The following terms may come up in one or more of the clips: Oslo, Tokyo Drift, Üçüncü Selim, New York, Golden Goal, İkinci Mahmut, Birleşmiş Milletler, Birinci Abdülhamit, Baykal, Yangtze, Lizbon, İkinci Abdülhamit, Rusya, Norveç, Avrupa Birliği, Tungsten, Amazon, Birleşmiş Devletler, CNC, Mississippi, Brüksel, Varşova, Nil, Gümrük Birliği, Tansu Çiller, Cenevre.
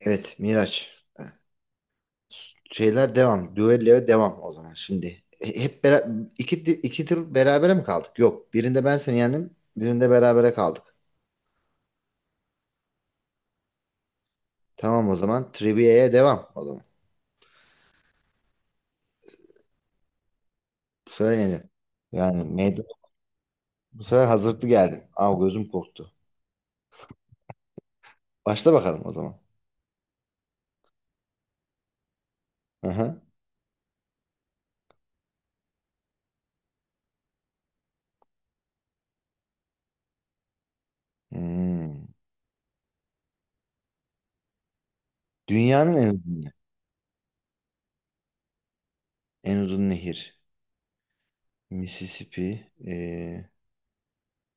Evet, Miraç. Şeyler devam. Düelloya devam o zaman şimdi. E, Hep bera- iki, di- iki tur berabere mi kaldık? Yok. Birinde ben seni yendim. Birinde berabere kaldık. Tamam o zaman. Trivia'ya devam o zaman. Bu sefer yenir. Yani meydan. Bu sefer hazırlıklı geldin. Aa, gözüm korktu. Başla bakalım o zaman. Aha. Hmm. Dünyanın en uzun nehir. Mississippi.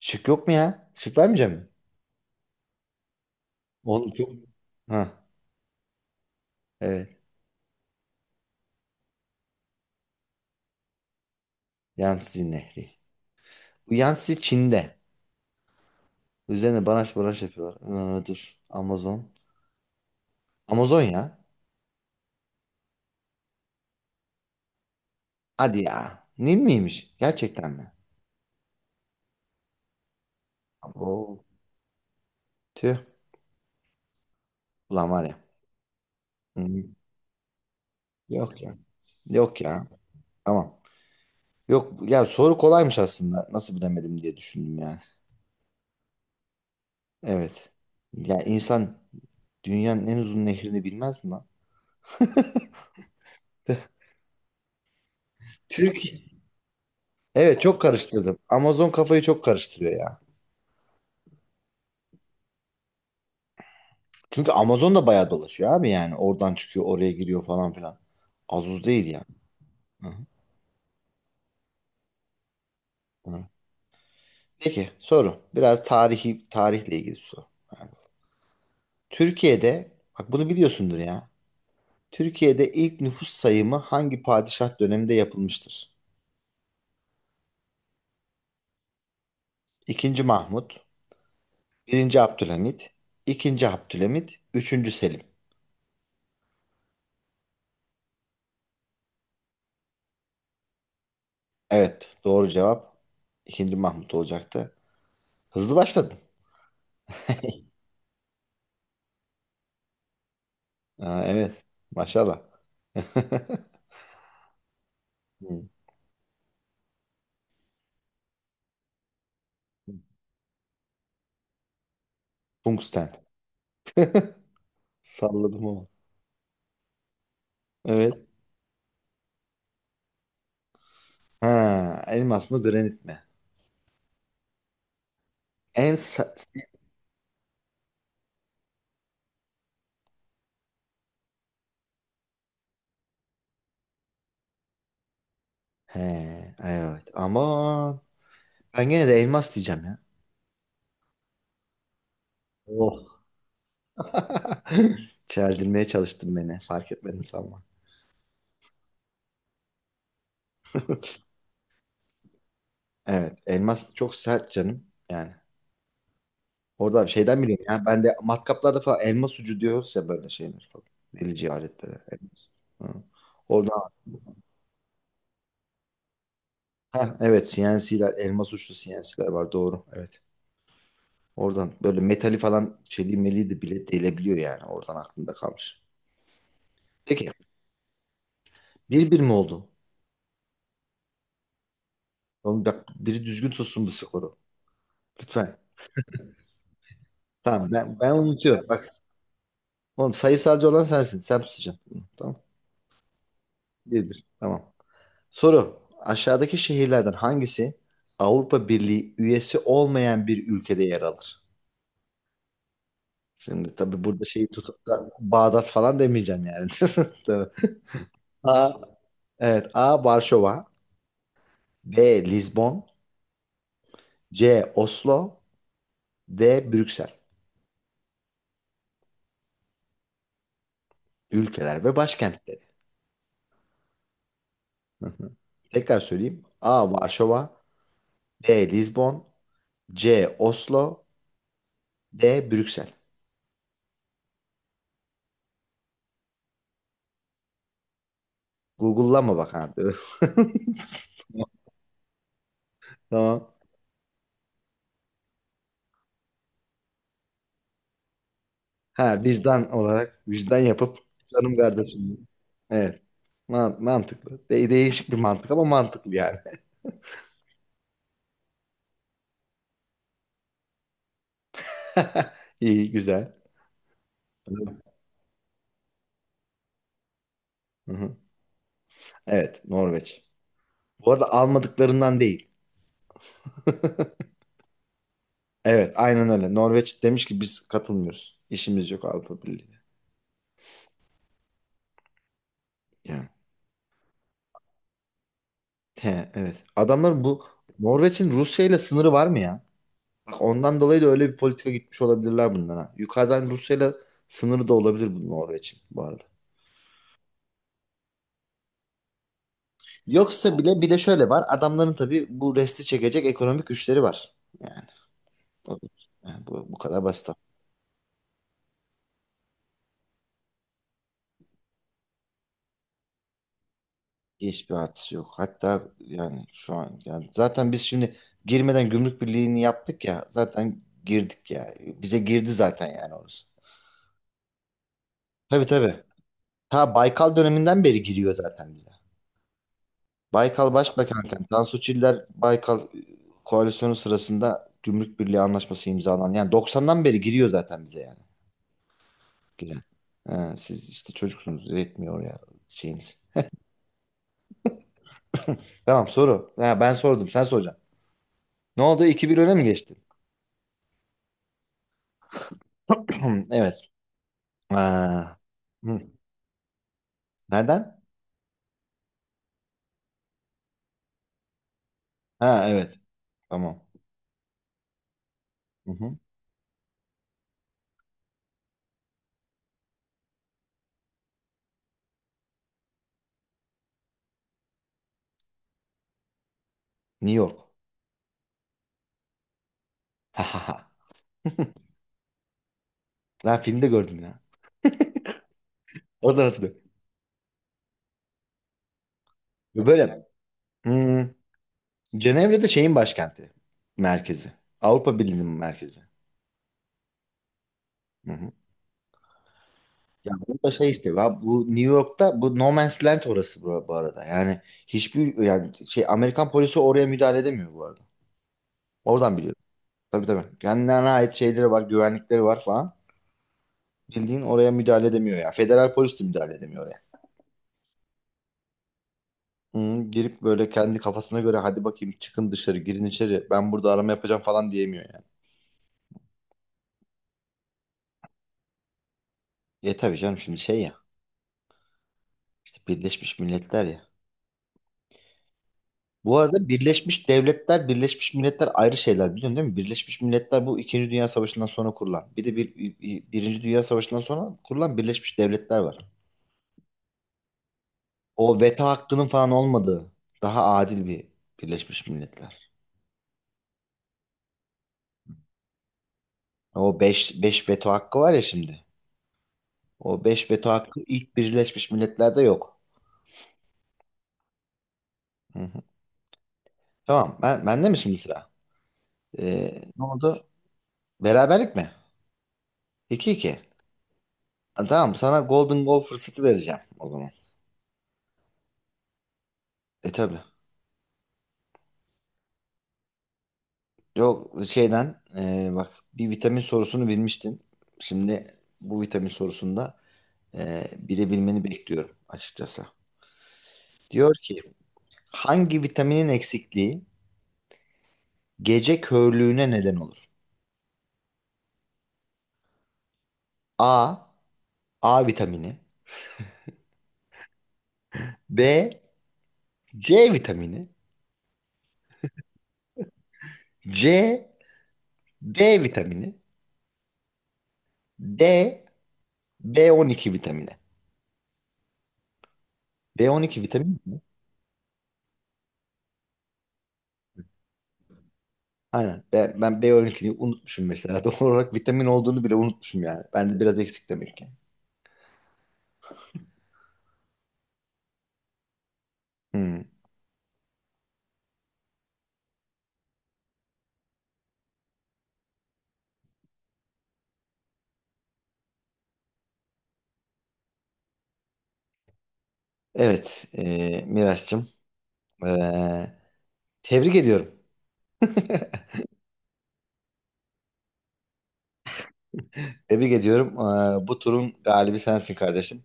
Şık yok mu ya? Şık vermeyeceğim mi? Oğlum çok. Ha, evet. Yangtze Nehri. Bu Yansi Çin'de. Üzerine baraj baraj yapıyorlar. Dur. Amazon. Amazon ya. Hadi ya. Nil miymiş? Gerçekten mi? Abo. Tüh. Ulan, var ya. Hı. Yok ya. Yok ya. Tamam. Yok ya, soru kolaymış aslında. Nasıl bilemedim diye düşündüm yani. Evet. Ya insan dünyanın en uzun nehrini bilmez mi lan? Türkiye. Evet, çok karıştırdım. Amazon kafayı çok karıştırıyor ya. Çünkü Amazon da bayağı dolaşıyor abi yani. Oradan çıkıyor, oraya giriyor falan filan. Az uz değil ya. Hı hı, hı. Peki, soru. Biraz tarihle ilgili bir soru. Yani Türkiye'de, bak, bunu biliyorsundur ya. Türkiye'de ilk nüfus sayımı hangi padişah döneminde yapılmıştır? İkinci Mahmut, birinci Abdülhamit, ikinci Abdülhamit, üçüncü Selim. Evet, doğru cevap ikinci Mahmut olacaktı. Hızlı başladın. Aa, evet, maşallah. Hı. Tungsten. Salladım ama. Evet. Ha, elmas mı granit mi? En sa- He, evet, ama ben gene de elmas diyeceğim ya. Oh. Çeldirmeye çalıştın beni. Fark etmedim sanma. Evet. Elmas çok sert canım. Yani. Orada bir şeyden biliyorum ya. Ben de matkaplarda falan elmas ucu diyoruz ya, böyle şeyler falan. Delici aletlere. Elmas. Hı. Orada, ha, evet, CNC'ler elmas uçlu CNC'ler var, doğru. Evet. Oradan böyle metali falan, çeliği meliği de bile delebiliyor yani. Oradan aklımda kalmış. Peki. Bir bir mi oldu? Oğlum, bak, biri düzgün tutsun bu skoru. Lütfen. Tamam, ben unutuyorum. Bak oğlum, sayısalcı olan sensin. Sen tutacaksın. Hı, tamam. Bir bir. Tamam. Soru. Aşağıdaki şehirlerden hangisi Avrupa Birliği üyesi olmayan bir ülkede yer alır? Şimdi tabii burada şeyi tutup da Bağdat falan demeyeceğim yani. Tabii. A, evet. A. Varşova. B. Lizbon. C. Oslo. D. Brüksel. Ülkeler ve başkentleri. Hı hı. Tekrar söyleyeyim. A. Varşova. B. Lizbon. C. Oslo. D. Brüksel. Google'lama, bak abi. Tamam. Ha, vicdan olarak vicdan yapıp, canım kardeşim. Evet. Mantıklı. Değişik bir mantık ama mantıklı yani. İyi, güzel. Hı-hı. Evet, Norveç. Bu arada, almadıklarından değil. Evet, aynen öyle. Norveç demiş ki biz katılmıyoruz. İşimiz yok Avrupa Birliği'ne. Yani. He, evet. Adamların bu Norveç'in Rusya ile sınırı var mı ya? Bak, ondan dolayı da öyle bir politika gitmiş olabilirler bundan, ha. Yukarıdan Rusya'yla sınırı da olabilir bu Norveç'in bu arada. Yoksa bile bir de şöyle var. Adamların tabii bu resti çekecek ekonomik güçleri var. Yani, o- yani bu kadar basit. Hiçbir artısı yok. Hatta yani şu an, yani zaten biz şimdi girmeden gümrük birliğini yaptık ya. Zaten girdik ya. Bize girdi zaten yani orası. Tabii, tabii. Ta Baykal döneminden beri giriyor zaten bize. Baykal Başbakanken Tansu Çiller Baykal koalisyonu sırasında Gümrük Birliği Anlaşması imzalanan yani doksan'dan beri giriyor zaten bize yani. Giren. Ha, siz işte çocuksunuz, yetmiyor ya şeyiniz. Tamam, soru. Ha, ben sordum, sen soracaksın. Ne oldu, iki bir öne mi geçtin? Evet. Ha. Hı. Nereden? Ha, evet. Tamam. Hı hı. New York. Ha, ben filmde gördüm ya. Oradan hatırlıyorum. Böyle. Hı. Cenevre de şeyin başkenti. Merkezi. Avrupa Birliği'nin merkezi. Hı hı. Ya bu da şey işte, ya bu New York'ta bu No Man's Land orası, bu bu arada. Yani hiçbir, yani şey, Amerikan polisi oraya müdahale edemiyor bu arada. Oradan biliyorum. Tabii, tabii. Kendilerine ait şeyleri var, güvenlikleri var falan. Bildiğin oraya müdahale edemiyor ya. Federal polis de müdahale edemiyor oraya. Hı, girip böyle kendi kafasına göre hadi bakayım çıkın dışarı girin içeri ben burada arama yapacağım falan diyemiyor yani. E tabii canım, şimdi şey ya, işte Birleşmiş Milletler ya. Bu arada Birleşmiş Devletler, Birleşmiş Milletler ayrı şeyler, biliyorsun değil mi? Birleşmiş Milletler bu İkinci Dünya Savaşı'ndan sonra kurulan. Bir de Birinci Dünya Savaşı'ndan sonra kurulan Birleşmiş Devletler var. O veto hakkının falan olmadığı daha adil bir Birleşmiş Milletler. O beş veto hakkı var ya şimdi. O 5 veto hakkı ilk Birleşmiş Milletler'de yok. Hı hı. Tamam. Bende mi şimdi sıra? Ne oldu? Beraberlik mi? 2 iki. Ha, tamam, sana Golden Goal fırsatı vereceğim o zaman. E tabi. Yok şeyden, bak bir vitamin sorusunu bilmiştin. Şimdi bu vitamin sorusunda, bilebilmeni bekliyorum açıkçası. Diyor ki hangi vitaminin eksikliği gece körlüğüne neden olur? A. A vitamini. B. C vitamini. C. D vitamini. D. B12 vitamini. B12 vitamini mi? Aynen. Ben B12'yi unutmuşum mesela. Doğal olarak vitamin olduğunu bile unutmuşum yani. Bende biraz eksik demek ki. Hmm. Evet, Miraç'cığım. e, Tebrik ediyorum. Tebrik ediyorum. Bu turun galibi sensin kardeşim.